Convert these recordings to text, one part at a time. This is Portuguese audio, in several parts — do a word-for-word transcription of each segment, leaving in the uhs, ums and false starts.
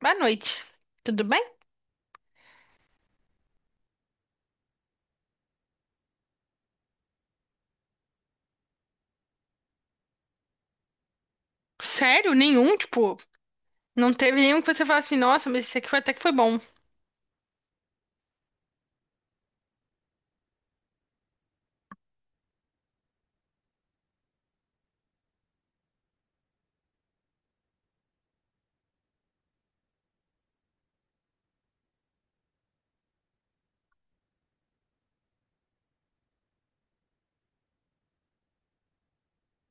Boa noite. Tudo bem? Sério? Nenhum? Tipo, não teve nenhum que você fala assim, nossa, mas esse aqui foi até que foi bom.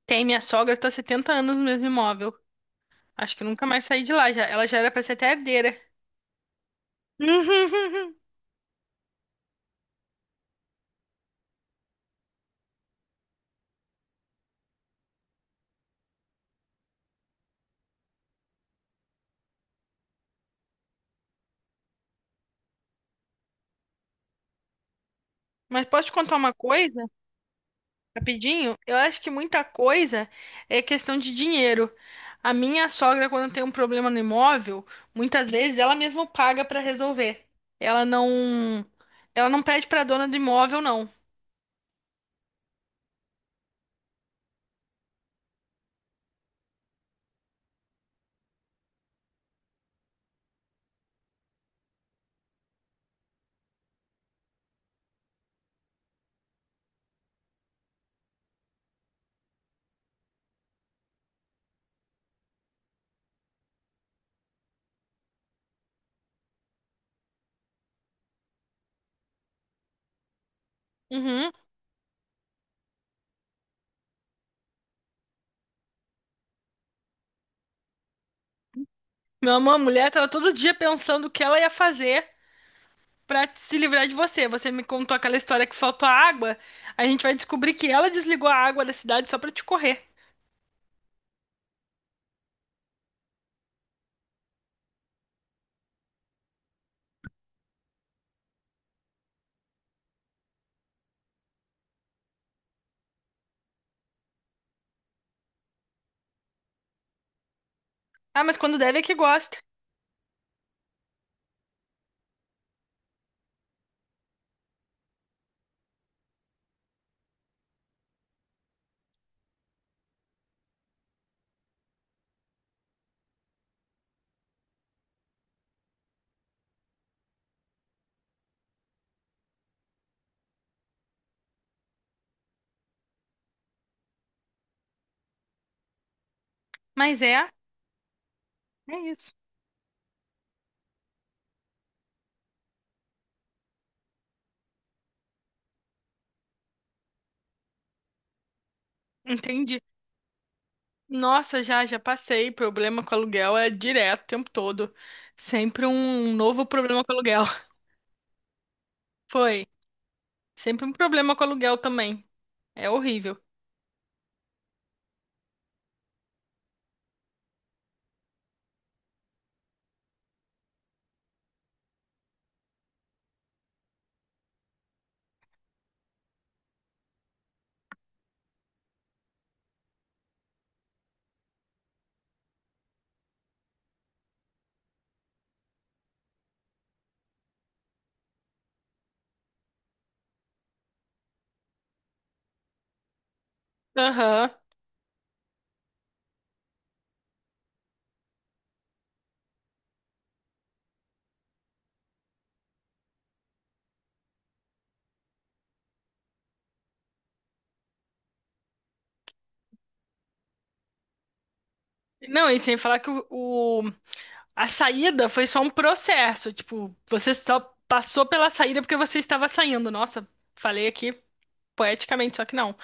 Tem, minha sogra tá há setenta anos no mesmo imóvel. Acho que nunca mais saí de lá já. Ela já era pra ser até herdeira. Mas posso te contar uma coisa, rapidinho? Eu acho que muita coisa é questão de dinheiro. A minha sogra, quando tem um problema no imóvel, muitas vezes ela mesma paga pra resolver. Ela não, ela não pede pra dona do imóvel, não. Uhum. Não, uma mulher tava todo dia pensando o que ela ia fazer pra se livrar de você. Você me contou aquela história que faltou a água. A gente vai descobrir que ela desligou a água da cidade só pra te correr. Ah, mas quando deve é que gosta. Mas é, é isso. Entendi. Nossa, já, já passei. Problema com aluguel é direto, o tempo todo. Sempre um novo problema com aluguel. Foi. Sempre um problema com aluguel também. É horrível. Aham. Não, e sem falar que o, o A saída foi só um processo, tipo, você só passou pela saída porque você estava saindo. Nossa, falei aqui poeticamente, só que não.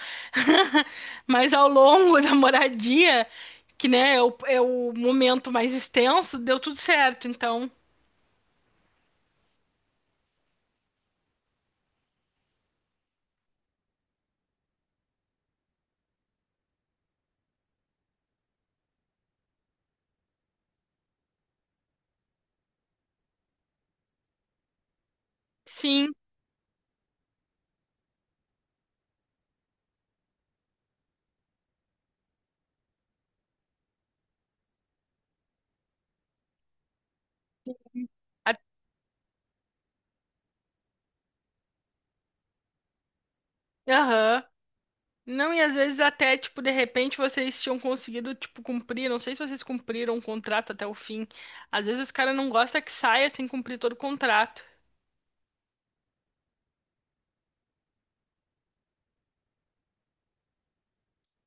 Mas ao longo da moradia, que né, é o, é o momento mais extenso, deu tudo certo. Então, sim, a- aham. Não, e às vezes até, tipo, de repente vocês tinham conseguido, tipo, cumprir, não sei se vocês cumpriram o contrato até o fim. Às vezes os caras não gostam que saia sem cumprir todo o contrato.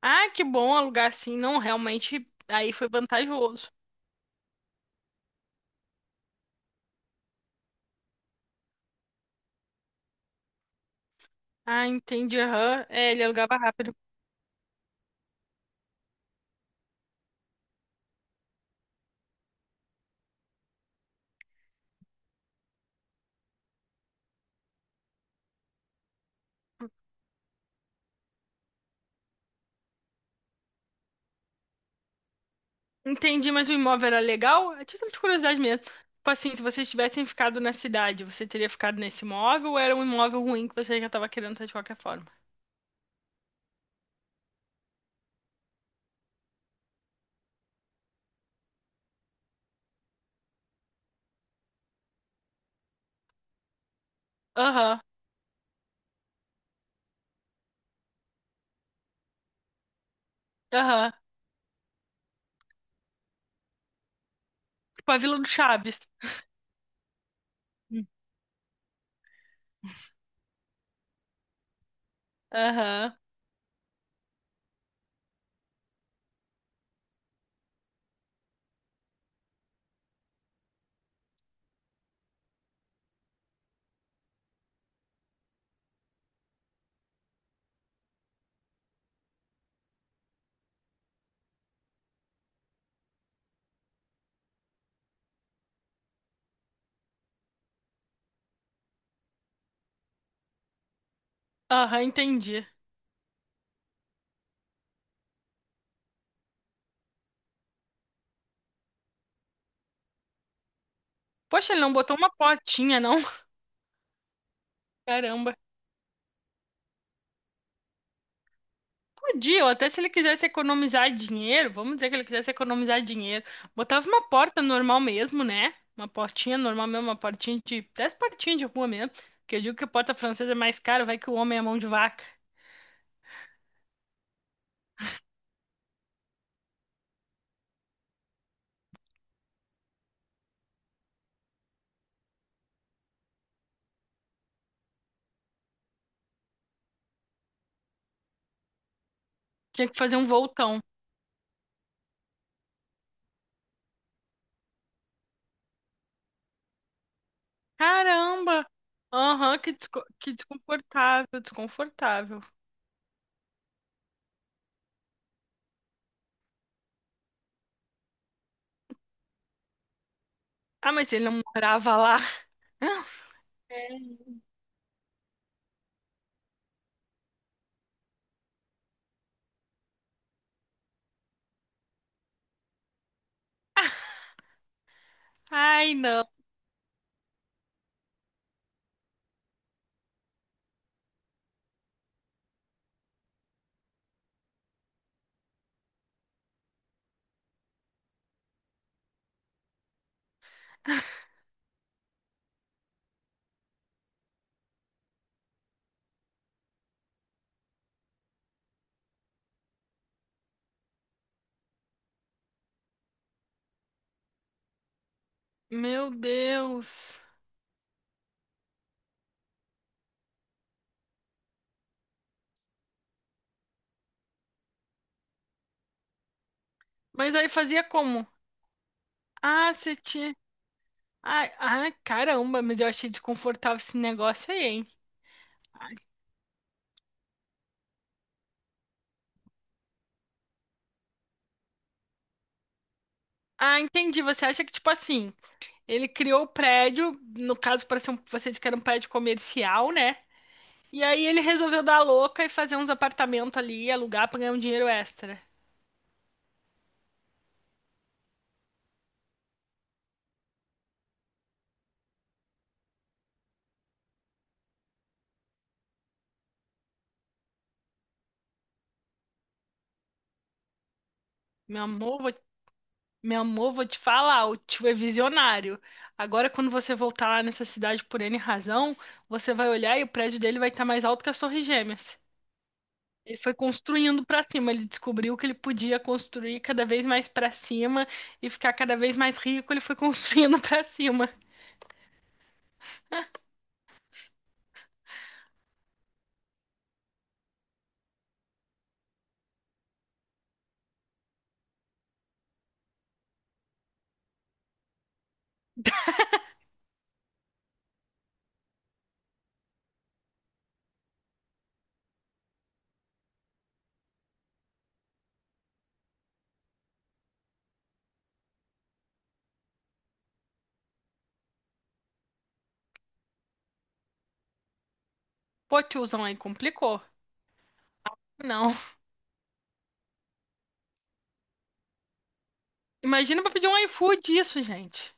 Ah, que bom alugar assim. Não, realmente aí foi vantajoso. Ah, entendi. Aham. É, ele alugava rápido. Entendi, mas o imóvel era legal? É título de curiosidade mesmo. Tipo assim, se vocês tivessem ficado na cidade, você teria ficado nesse imóvel ou era um imóvel ruim que você já tava querendo ter de qualquer forma? Aham, aham. Tipo a Vila do Chaves. Hum. Aham, aham, entendi. Poxa, ele não botou uma portinha, não? Caramba. Podia, ou até se ele quisesse economizar dinheiro, vamos dizer que ele quisesse economizar dinheiro, botava uma porta normal mesmo, né? Uma portinha normal mesmo, uma portinha de dez portinhas de rua mesmo. Que eu digo que a porta francesa é mais cara, vai que o homem é mão de vaca. Tinha que fazer um voltão. Caramba! Aham, que, desco- que desconfortável, desconfortável. Ah, mas ele não morava lá. É. Ai, não. Meu Deus. Mas aí fazia como? Ah, você tinha. Ah, ah, caramba, mas eu achei desconfortável esse negócio aí, hein? Ah, entendi. Você acha que, tipo assim, ele criou o prédio, no caso, para ser um, você disse que era um prédio comercial, né? E aí ele resolveu dar a louca e fazer uns apartamentos ali, alugar pra ganhar um dinheiro extra. Meu amor, vou, meu amor, vou te falar, o tio é visionário. Agora, quando você voltar lá nessa cidade por ene razão, você vai olhar e o prédio dele vai estar mais alto que as Torres Gêmeas. Ele foi construindo pra cima, ele descobriu que ele podia construir cada vez mais pra cima e ficar cada vez mais rico, ele foi construindo pra cima. Pô, tiozão aí complicou. Não. Imagina pra pedir um ai fude isso, gente.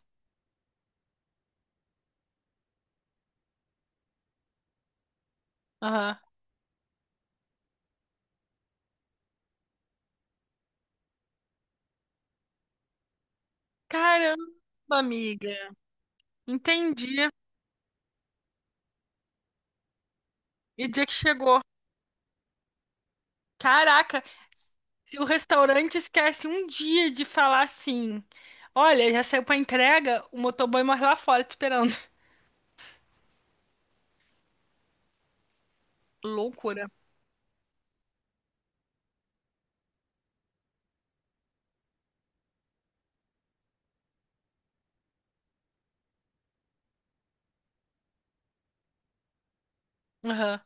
Aham. Caramba, amiga. Entendi. E dizer que chegou. Caraca, se o restaurante esquece um dia de falar assim, olha, já saiu pra entrega, o motoboy morre lá fora te esperando. Loucura. Aham.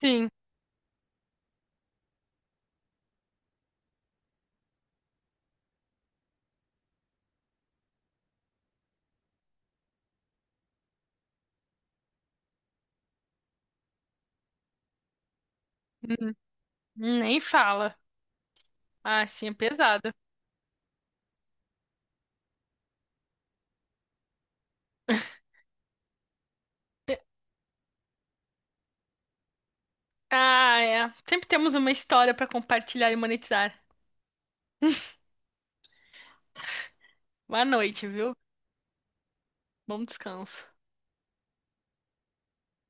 Sim. Hum, Nem fala. Ah, sim, é pesado. Ah, é. Sempre temos uma história pra compartilhar e monetizar. Boa noite, viu? Bom descanso.